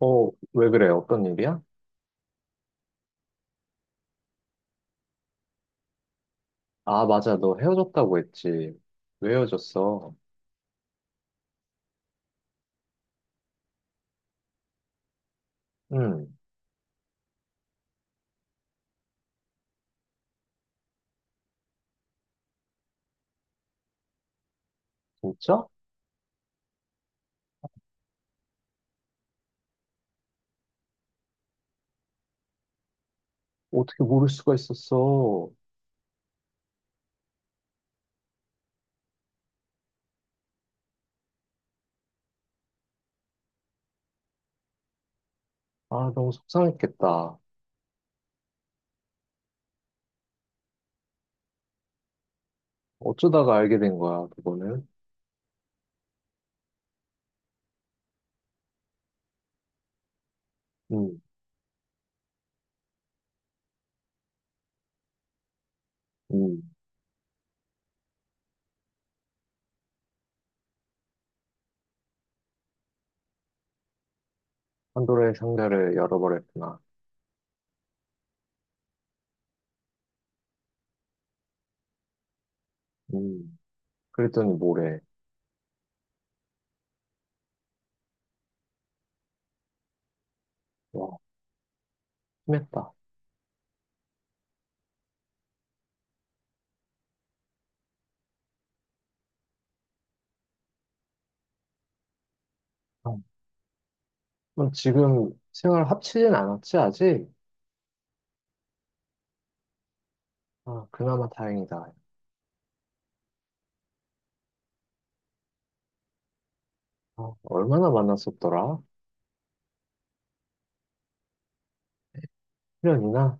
어, 왜 그래? 어떤 일이야? 아, 맞아. 너 헤어졌다고 했지. 왜 헤어졌어? 응, 진짜? 어떻게 모를 수가 있었어? 아, 너무 속상했겠다. 어쩌다가 알게 된 거야, 그거는? 응, 응. 판도라의 상자를 열어버렸구나. 응. 그랬더니 뭐래. 와, 심했다. 아, 그럼 지금 생활 합치진 않았지, 아직? 아, 그나마 다행이다. 아, 얼마나 만났었더라? 1년이나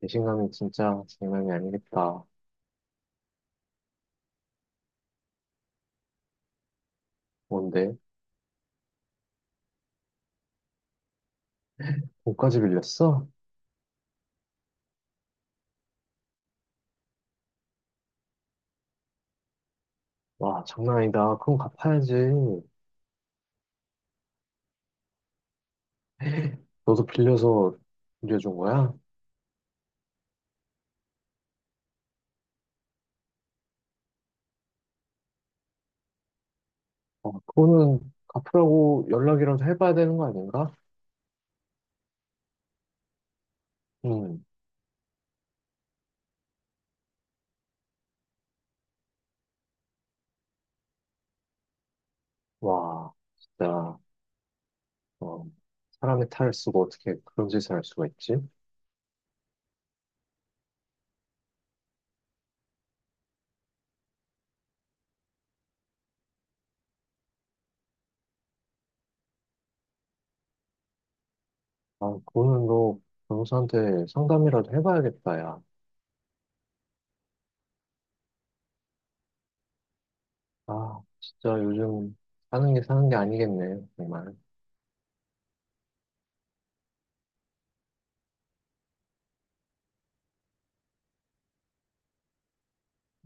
배신감이 진짜 장난이 아니겠다. 뭔데? 옷까지 빌렸어? 와, 장난 아니다. 그럼 갚아야지. 너도 빌려서 빌려준 거야? 어, 그거는 갚으라고 연락이라도 해봐야 되는 거 아닌가? 음, 와, 진짜, 어, 사람의 탈을 쓰고 어떻게 그런 짓을 할 수가 있지? 아, 그거는 너 변호사한테 상담이라도 해봐야겠다, 야. 아, 진짜 요즘 사는 게 아니겠네, 정말.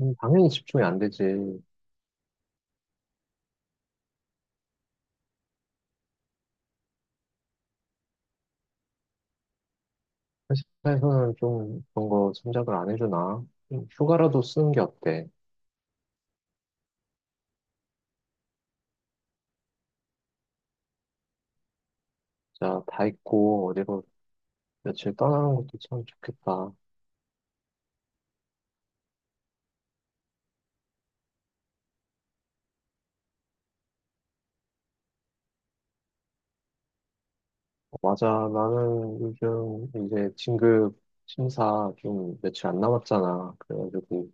당연히 집중이 안 되지. 회사에서는 좀 그런 거 생각을 안 해주나? 좀 휴가라도 쓰는 게 어때? 자, 다 있고 어디로 며칠 떠나는 것도 참 좋겠다. 어, 맞아, 나는 요즘 이제 진급 심사 좀 며칠 안 남았잖아. 그래가지고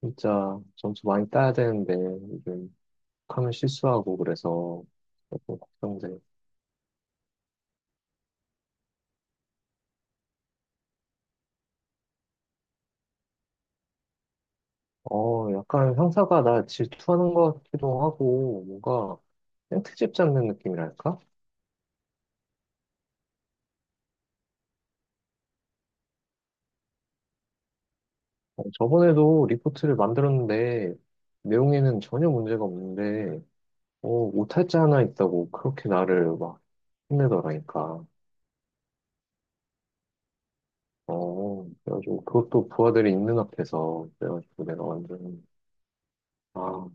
진짜 점수 많이 따야 되는데 요즘 하면 실수하고 그래서 조금 걱정돼. 어, 약간 형사가 나 질투하는 것 같기도 하고 뭔가 생트집 잡는 느낌이랄까? 어, 저번에도 리포트를 만들었는데 내용에는 전혀 문제가 없는데 어, 오탈자 하나 있다고 그렇게 나를 막 혼내더라니까. 어, 그래가지고 그것도 부하들이 있는 앞에서 그래가지고 내가 완전 아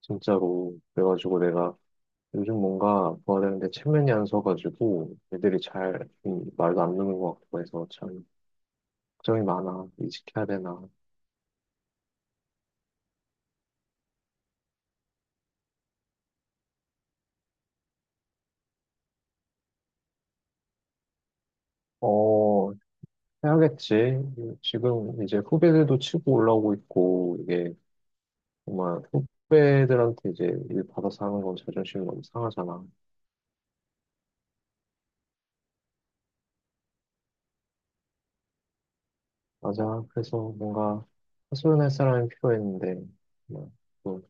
진짜로 그래가지고 내가 요즘 뭔가 부하들한테 체면이 안 서가지고 애들이 잘 말도 안 듣는 것 같고 해서 참 걱정이 많아. 이직해야 되나? 어, 해야겠지. 지금 이제 후배들도 치고 올라오고 있고, 이게 정말 후배들한테 이제 일 받아서 하는 건 자존심이 너무 상하잖아. 맞아. 그래서 뭔가 하소연할 사람이 필요했는데, 뭐, 또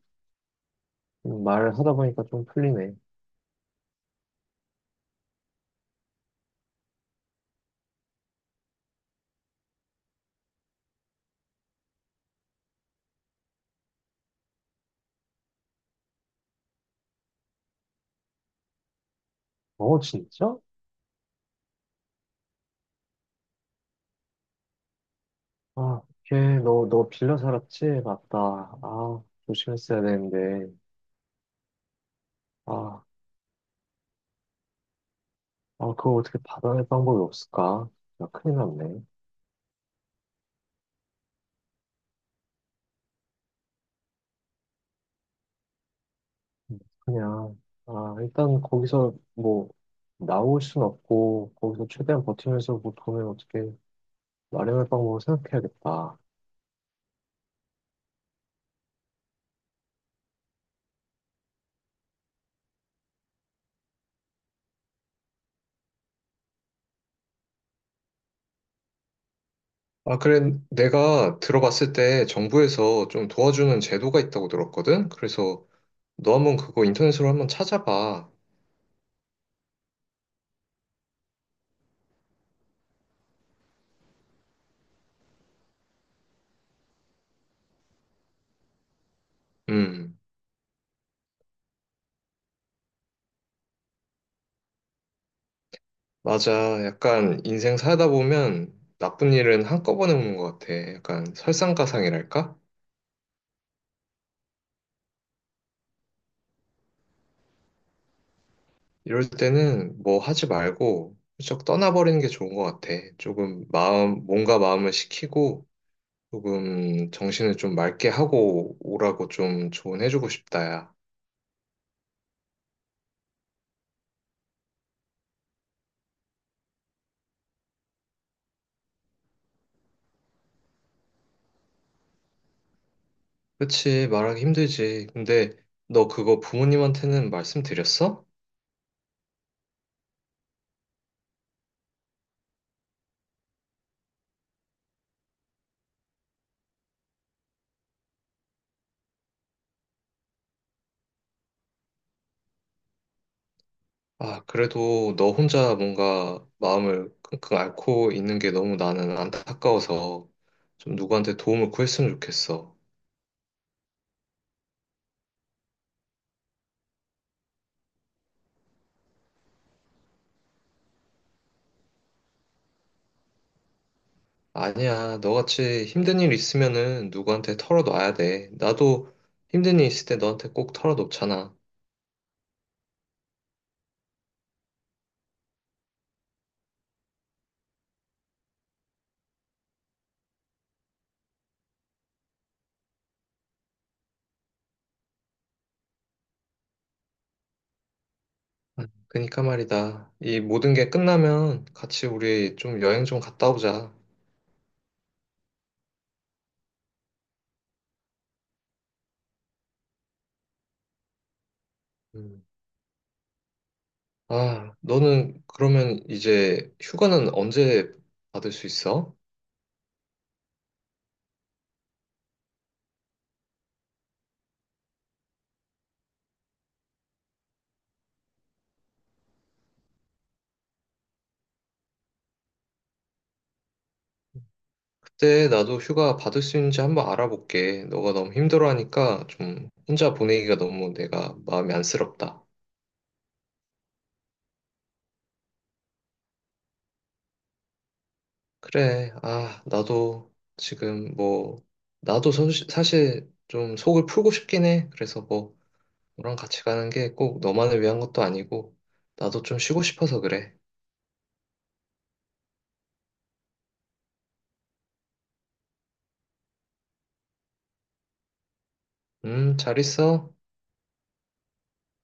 말하다 보니까 좀 풀리네. 어, 진짜? 아, 걔, 너, 너 빌려 살았지? 맞다. 아, 조심했어야 되는데. 아, 아, 그거 어떻게 받아낼 방법이 없을까? 나 큰일 났네. 그냥, 아, 일단 거기서 뭐, 나올 순 없고, 거기서 최대한 버티면서 뭐 돈을 어떻게 마련할 방법을 생각해야겠다. 너 한번 스스로 한번 찾아봐. 음, 맞아. 약간 인생 살다 보면 나쁜 일은 한꺼번에 오는 것 같아. 약간 설상가상이랄까? 이럴 때는 뭐 하지 말고 훌쩍 떠나버리는 게 좋은 것 같아. 조금 마음, 몸과 마음을 식히고 조금 정신을 좀 맑게 하고 오라고 좀 조언해주고 싶다, 야. 그치, 말하기 힘들지. 근데 너 그거 부모님한테는 말씀드렸어? 아, 그래도 너 혼자 뭔가 마음을 끙끙 앓고 있는 게 너무 나는 안타까워서 좀 누구한테 도움을 구했으면 좋겠어. 아니야, 너같이 힘든 일 있으면은 누구한테 털어놔야 돼. 나도 힘든 일 있을 때 너한테 꼭 털어놓잖아. 그니까 말이다. 이 모든 게 끝나면 같이 우리 좀 여행 좀 갔다 오자. 음. 아, 너는 그러면 이제 휴가는 언제 받을 수 있어? 그때 나도 휴가 받을 수 있는지 한번 알아볼게. 너가 너무 힘들어하니까 좀 혼자 보내기가 너무 내가 마음이 안쓰럽다. 그래, 아, 나도 지금 뭐, 나도 사실 좀 속을 풀고 싶긴 해. 그래서 뭐, 너랑 같이 가는 게 꼭 너만을 위한 것도 아니고, 나도 좀 쉬고 싶어서 그래. 잘 있어.